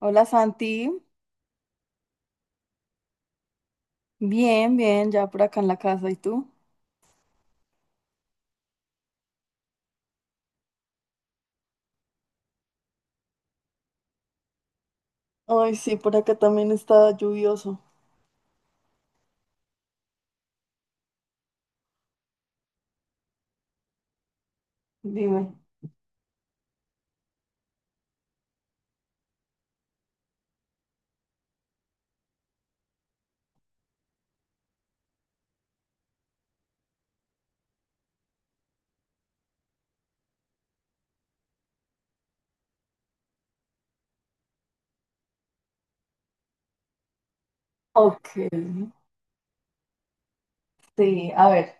Hola, Santi. Bien, bien, ya por acá en la casa, ¿y tú? Ay, sí, por acá también está lluvioso. Dime. Ok, sí, a ver,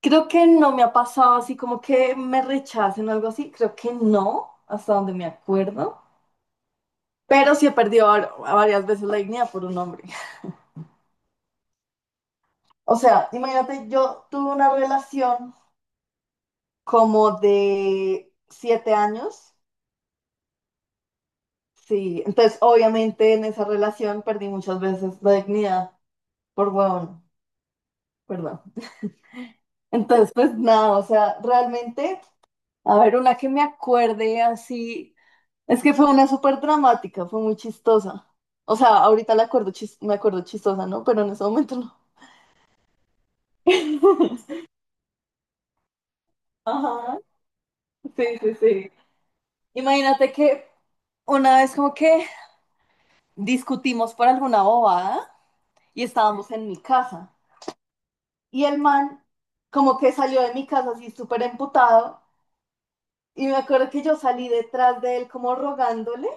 creo que no me ha pasado así como que me rechacen o algo así, creo que no, hasta donde me acuerdo, pero sí he perdido varias veces la dignidad por un hombre. O sea, imagínate, yo tuve una relación como de 7 años, sí, entonces obviamente en esa relación perdí muchas veces la dignidad por huevón. Perdón. Entonces, pues nada, o sea, realmente, a ver, una que me acuerde así, es que fue una súper dramática, fue muy chistosa. O sea, ahorita la acuerdo me acuerdo chistosa, ¿no? Pero en ese momento no. Ajá, sí, sí, sí. Imagínate que una vez como que discutimos por alguna bobada y estábamos en mi casa. Y el man como que salió de mi casa así súper emputado. Y me acuerdo que yo salí detrás de él como rogándole,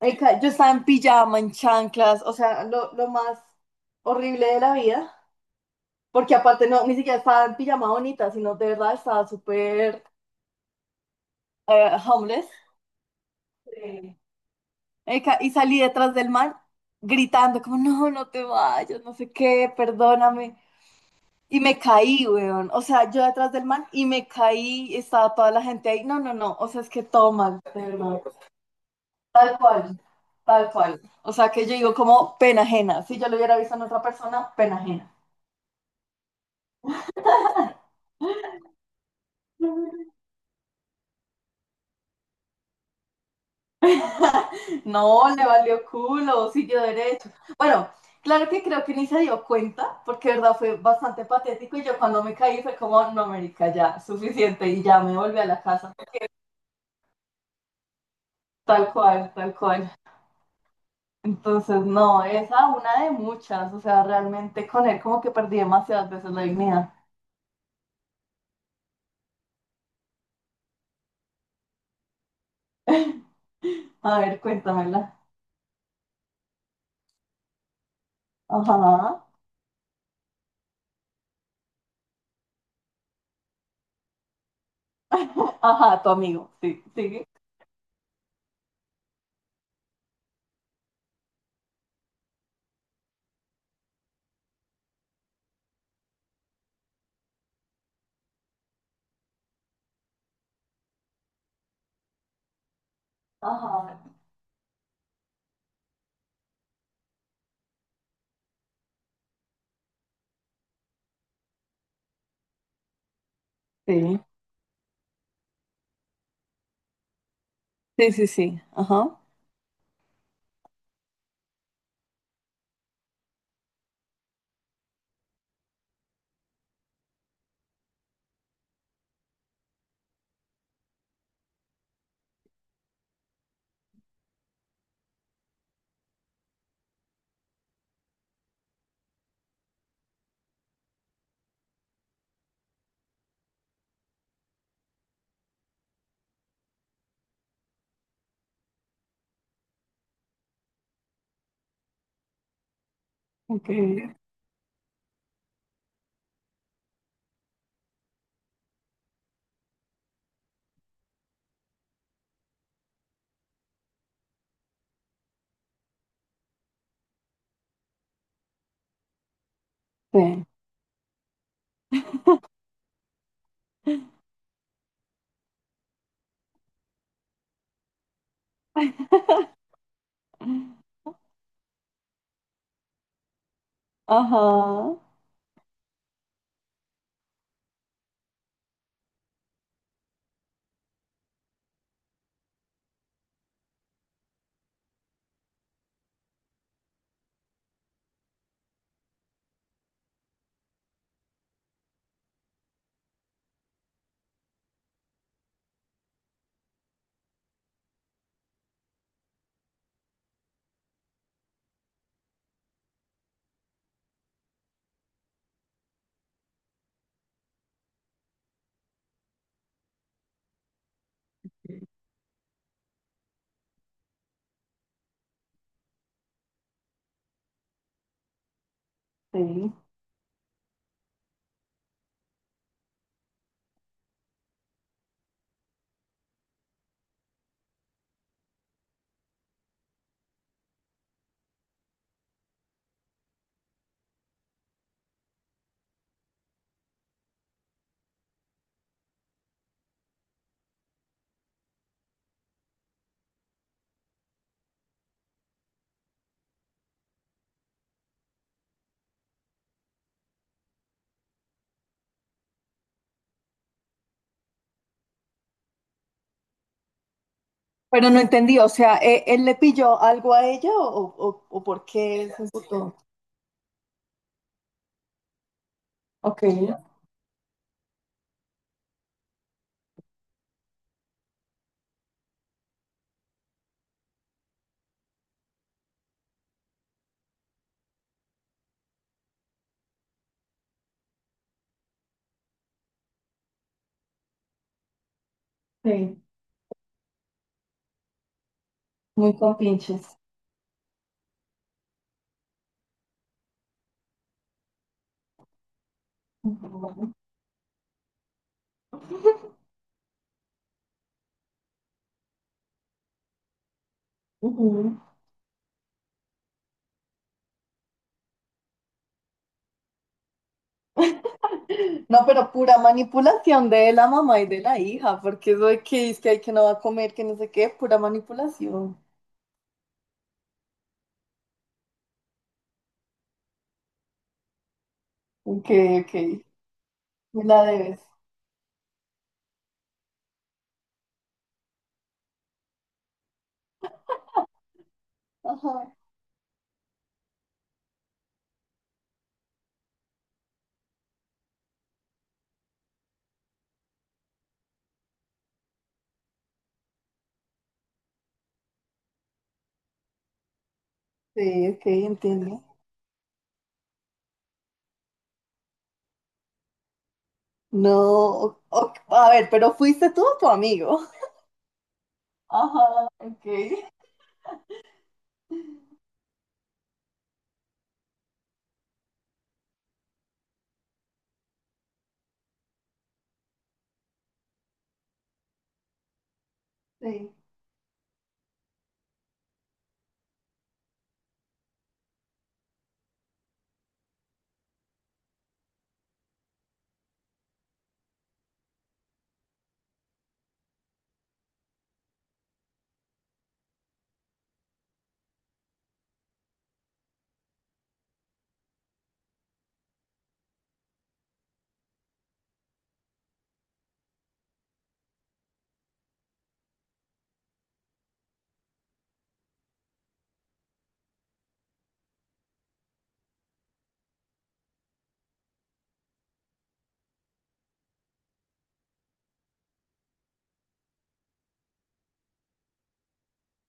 el yo estaba en pijama, en chanclas, o sea, lo más horrible de la vida, porque aparte no, ni siquiera estaba en pijama bonita, sino de verdad estaba súper homeless. Sí. El Y salí detrás del man gritando como, no, no te vayas, no sé qué, perdóname. Y me caí, weón. O sea, yo detrás del man y me caí, estaba toda la gente ahí. No, no, no. O sea, es que todo mal, de verdad. Tal cual, tal cual. O sea, que yo digo como pena ajena. Si yo lo hubiera visto en otra persona, pena ajena. No, le valió culo, siguió derecho. Bueno, claro que creo que ni se dio cuenta, porque de verdad fue bastante patético y yo cuando me caí fue como, no, América, ya, suficiente y ya me volví a la casa, tal cual, tal cual. Entonces, no, esa una de muchas, o sea, realmente con él como que perdí demasiadas veces la dignidad. A ver, cuéntamela. Ajá, ajá, tu amigo, sí, sí, ajá, sí, sí, sí, sí, ajá, ok, sí, ajá. Sí. Pero no entendí, o sea, ¿él le pilló algo a ella, o por qué él se emputó? Ok. Sí. Muy con pinches. Ujú. Ujú. No, pero pura manipulación de la mamá y de la hija, porque eso de que es que hay que no va a comer, que no sé qué, pura manipulación. Ok, ok, me la debes. Ajá, sí, ok, entiendo. No, a ver, pero fuiste tú o tu amigo. Ajá, ok, sí.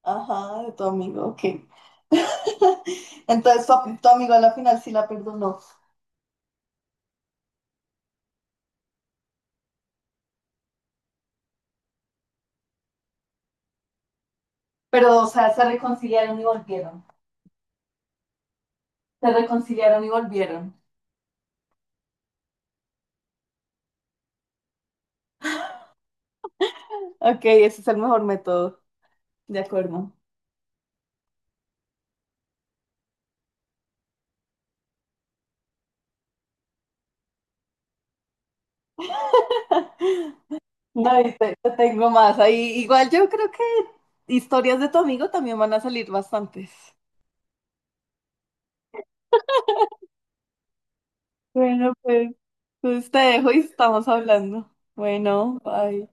Ajá, de tu amigo, ok. Entonces, tu amigo a la final sí la perdonó. Pero, o sea, ¿se reconciliaron y volvieron? Se reconciliaron y volvieron. Ok, ese es el mejor método, de acuerdo. No, y te tengo más ahí. Igual yo creo que historias de tu amigo también van a salir bastantes. Bueno, pues, te dejo y estamos hablando. Bueno, bye.